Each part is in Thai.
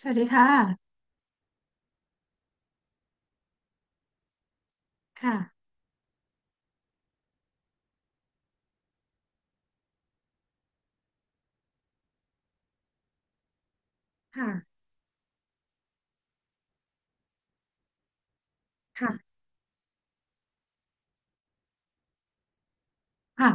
สวัสดีค่ะค่ะ ค่ะ ค่ะ ค่ะ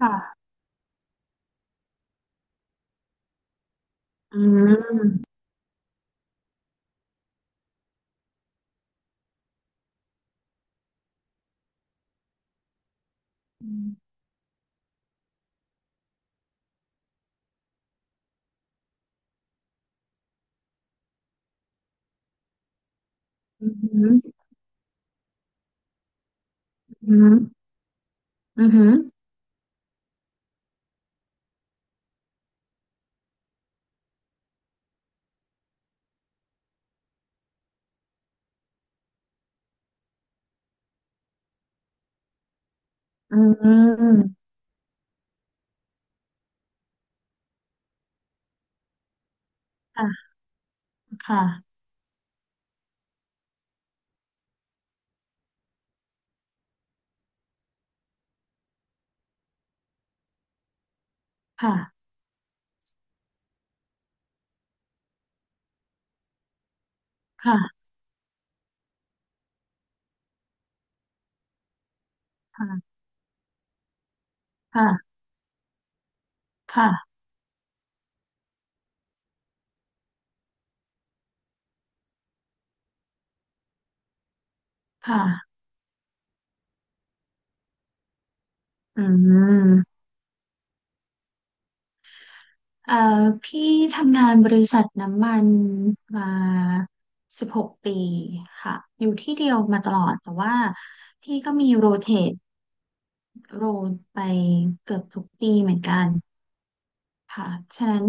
ค่ะอืมอืมอืมอืมอืมค่ะ ค่ะ ค่ะ ค่ะ ค่ะ ค่ะ ค่ะค่ะอืมเอ่อพี่ทำงานบริษัทน้ำมันมา16 ปีค่ะ อยู่ที่เดียวมาตลอด แต่ว่าพี่ก็มีตโรลไปเกือบทุกปีเหมือนกัน ค่ะฉะนั้น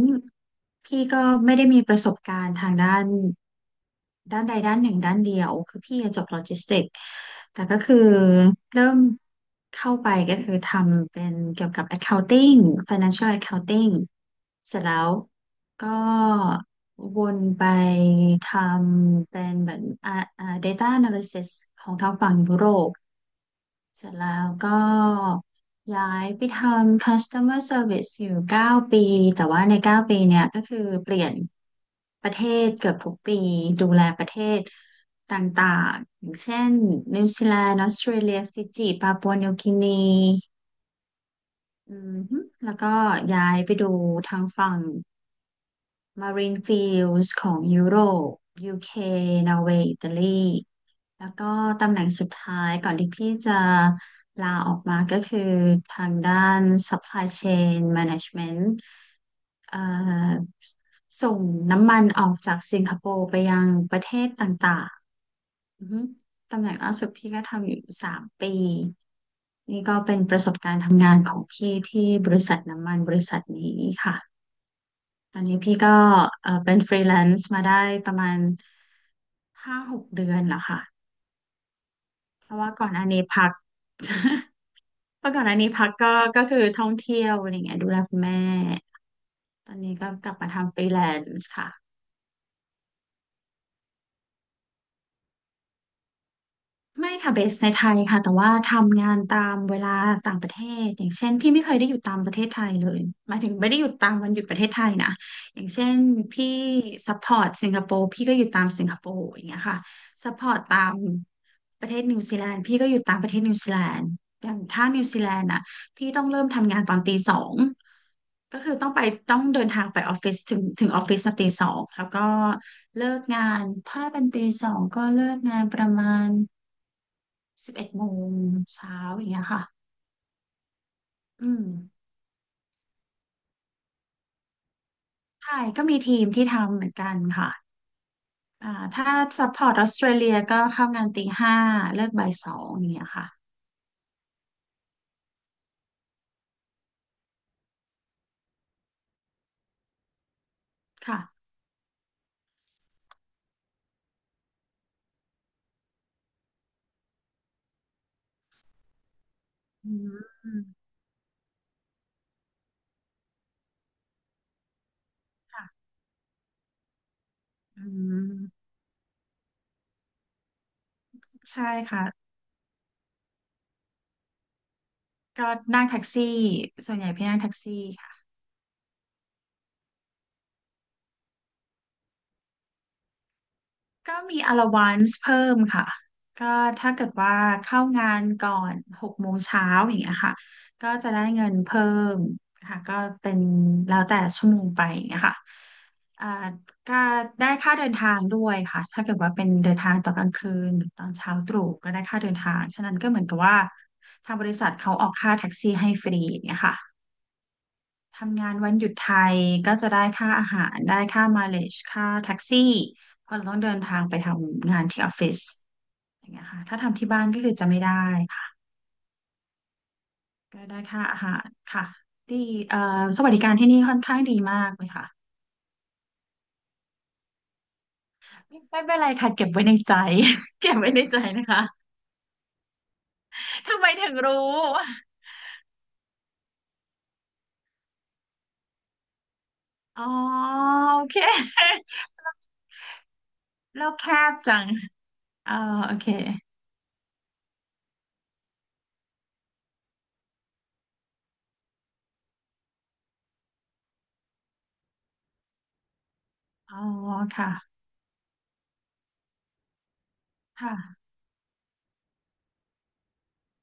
พี่ก็ไม่ได้มีประสบการณ์ทางด้านด้านใดด้านหนึ่งด้านเดียว คือพี่จบโลจิสติกส์แต่ก็คือเริ่มเข้าไปก็คือทำเป็นเกี่ยวกับ accounting financial accounting เสร็จแล้วก็วนไปทำเป็นเหมือนdata analysis ของทางฝั่งยุโรป เสร็จแล้วก็ย้ายไปทำ customer service อร์เซอร์วิสอยู่9 ปี แต่ว่าใน9 ปีเนี่ยก็คือเปลี่ยนประเทศเกือบทุกปีดูแลประเทศต่างๆอย่างเช่นนิวซีแลนด์ออสเตรเลียฟิจิปาปัวนิวกินีอืมฮึแล้วก็ย้ายไปดูทางฝั่ง Marine Fields ของยุโรป UK นอร์เวย์อิตาลีแล้วก็ตำแหน่งสุดท้ายก่อนที่พี่จะลาออกมาก็คือทางด้าน Supply Chain Management เอ่อส่งน้ำมันออกจากสิงคโปร์ไปยังประเทศต่างๆอือฮึตำแหน่งล่าสุดพี่ก็ทำอยู่3 ปี นี่ก็เป็นประสบการณ์ทำงานของพี่ที่บริษัทน้ำมันบริษัทนี้ค่ะ ตอนนี้พี่ก็เออเป็นฟรีแลนซ์มาได้ประมาณ5-6 เดือนแล้วค่ะเพราะว่าก่อนอันนี้พัก เพราะก่อนอันนี้พักก็คือท่องเที่ยวอะไรเงี้ยดูแลคุณแม่ตอนนี้ก็กลับมาทำฟรีแลนซ์ค่ะ ไม่ค่ะเบสในไทยค่ะแต่ว่าทำงานตามเวลาต่างประเทศอย่างเช่นพี่ไม่เคยได้อยู่ตามประเทศไทยเลยหมายถึงไม่ได้อยู่ตามวันหยุดประเทศไทยนะอย่างเช่นพี่ซัพพอร์ตสิงคโปร์พี่ก็อยู่ตามสิงคโปร์อย่างเงี้ยค่ะซัพพอร์ตตามประเทศนิวซีแลนด์พี่ก็อยู่ตามประเทศนิวซีแลนด์อย่างถ้านิวซีแลนด์อ่ะพี่ต้องเริ่มทำงานตอนตีสองก็คือต้องไปต้องเดินทางไปออฟฟิศถึงออฟฟิศตีสองแล้วก็เลิกงานถ้าเป็นตีสองก็เลิกงานประมาณ 11 โมงเช้าอย่างเงี้ยค่ะอืมใช่ก็มีทีมที่ทำเหมือนกันค่ะอ่าถ้าซัพพอร์ตออสเตรเลียก็เข้างานตีห้าเลิกบ่ายสองอย่างเงี้ยค่ะค่ะอืมค่ะอืมใช่ค่ะ ก็นั่งแท็กซี่ส่วนใหญ่พี่นั่งแท็กซี่ค่ะ ก็มี allowance เพิ่มค่ะก็ถ้าเกิดว่าเข้างานก่อนหกโมงเช้าอย่างเงี้ยค่ะก็จะได้เงินเพิ่มค่ะก็เป็นแล้วแต่ชั่วโมงไปอย่างเงี้ยค่ะอ่าก็ได้ค่าเดินทางด้วยค่ะถ้าเกิดว่าเป็นเดินทางตอนกลางคืนหรือตอนเช้าตรู่ก็ได้ค่าเดินทาง ฉะนั้นก็เหมือนกับว่าทางบริษัทเขาออกค่าแท็กซี่ให้ฟรีอย่างเงี้ยค่ะ ทำงานวันหยุดไทยก็จะได้ค่าอาหารได้ค่ามาเลจค่าแท็กซี่เพราะเราต้องเดินทางไปทำงานที่ออฟฟิศอย่างเงี้ยค่ะถ้าทำที่บ้านก็คือจะไม่ได้ค่ะก็ได้ค่าอาหารค่ะดีเอ่อสวัสดิการที่นี่ค่อนข้างดีมากเลยค่ะไม่เป็นไรค่ะเก็บไว้ในใจ เก็บไว้ในใจนะคะทำไมถึงรู้อ๋อโอเคแล้วแคบจังเออโอเคอ๋อค่ะค่ะ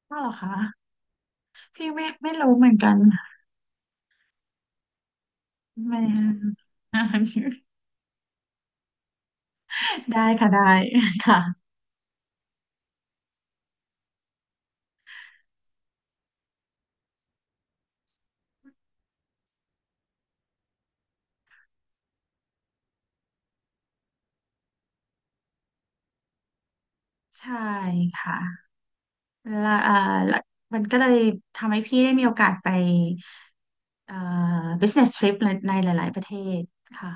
ก็เหรอคะพี่ไม่รู้เหมือนกัน ไม่อ่านได้ค่ะได้ค่ะใช่ค่ะและและมันก็เลยทำให้พี่ได้มีโอกาสไปเอ่อ business trip ในหลายๆประเทศค่ะ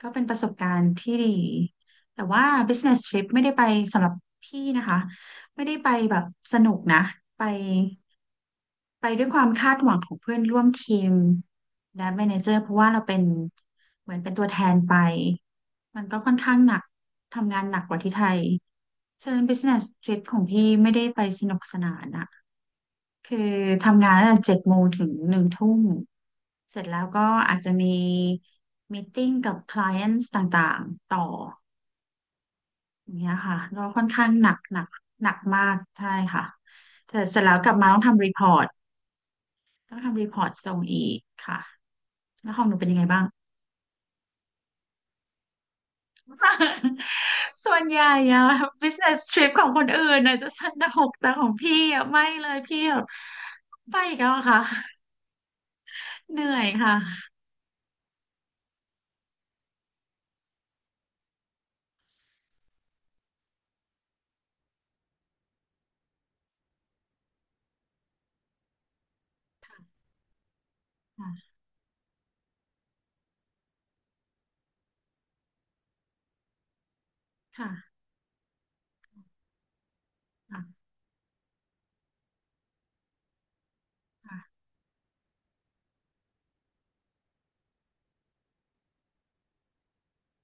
ก็เป็นประสบการณ์ที่ดีแต่ว่า business trip ไม่ได้ไปสำหรับพี่นะคะไม่ได้ไปแบบสนุกนะไป ไปด้วยความคาดหวังของเพื่อนร่วมทีมและแมเนเจอร์เพราะว่าเราเป็นเหมือนเป็นตัวแทนไปมันก็ค่อนข้างหนักทำงานหนักกว่าที่ไทยฉะนั้น business trip ของพี่ไม่ได้ไปสนุกสนานอะคือทำงานตั้งแต่เจ็ดโมงถึงหนึ่งทุ่มเสร็จแล้วก็อาจจะมีมีตติ้งกับ clients ต่างๆต่ออย่างเงี้ยค่ะก็ค่อนข้างหนักหนักหนักมากใช่ค่ะแต่เสร็จแล้วกลับมาต้องทำรีพอร์ต ต้องทำรีพอร์ตส่งอีกค่ะแล้วของหนูเป็นยังไงบ้าง ส่วนใหญ่อะ business trip ของคนอื่นอะจะสนุกแต่ของพี่อะไม่เลยพี่แบบไปอีกแล้วอะค่ะเหนื่อยค่ะค่ะค่ะ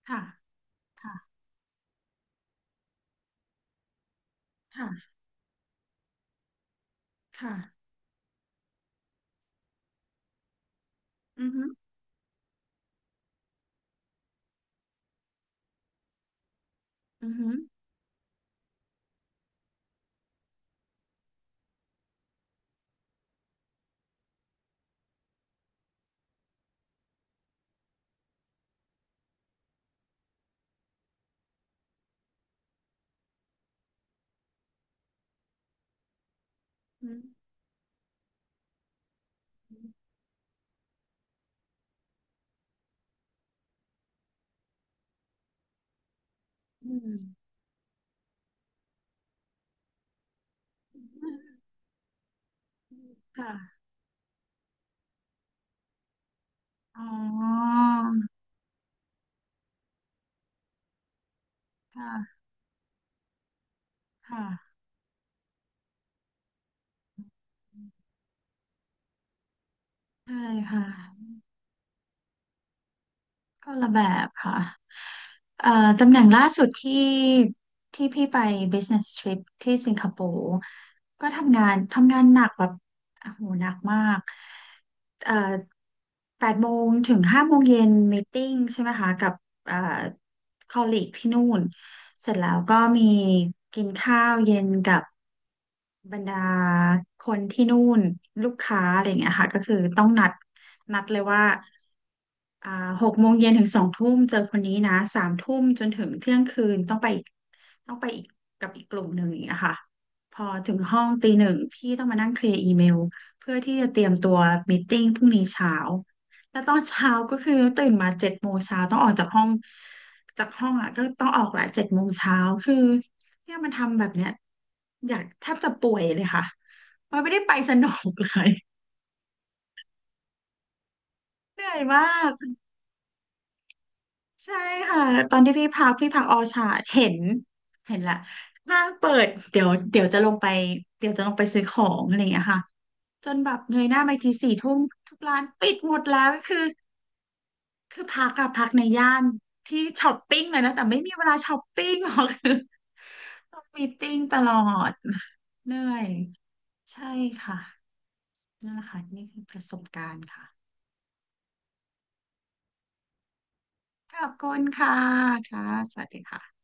ค่ะค่ะค่ะค่ะค่ะอือฮึอือฮึอืมอืมค่ะอ๋อค่ะค่ะใช่ค่ะ คนละแบบค่ะเอ่อตำแหน่งล่าสุดที่ที่พี่ไป business trip ที่สิงคโปร์ก็ทำงานหนักแบบโอ้โหหนักมากเอ่อแปดโมงถึงห้าโมงเย็นมีติ้งใช่ไหมคะกับเอ่อคอลลีกที่นู่นเสร็จแล้วก็มีกินข้าวเย็นกับ บรรดาคนที่นู่นลูกค้าอะไรอย่างเงี้ยค่ะก็คือต้องนัดเลยว่าอ่าหกโมงเย็นถึงสองทุ่มเจอคนนี้นะสามทุ่มจนถึงเที่ยงคืนต้องไปอีกกับอีกกลุ่มหนึ่งอย่างเงี้ยค่ะพอถึงห้องตีหนึ่งพี่ต้องมานั่งเคลียร์อีเมลเพื่อที่จะเตรียมตัวมีตติ้งพรุ่งนี้เช้าแล้วตอนเช้าก็คือตื่นมาเจ็ดโมงเช้าต้องออกจากห้องอ่ะก็ต้องออกแหละเจ็ดโมงเช้าคือเนี่ยมันทำแบบเนี้ยอยากแทบจะป่วยเลยค่ะมันไม่ได้ไปสนุกเลยเหนื่อยมาก ใช่ค่ะตอนที่พี่พักพี่พักออชาร์ดเห็นละห้างเปิดเดี๋ยวเดี๋ยวจะลงไปเดี๋ยวจะลงไปซื้อของอะไรอย่างเงี้ยค่ะจนแบบเงยหน้าไปทีสี่ทุ่มทุกร้านปิดหมดแล้วคือพักอะพักในย่านที่ช้อปปิ้งเลยนะแต่ไม่มีเวลาช้อปปิ้งหรอก คือต้องมีตติ้งตลอดเหนื่อยใช่ค่ะนั่นแหละค่ะนี่คือประสบการณ์ค่ะขอบคุณค่ะค่ะสวัสดีค่ะ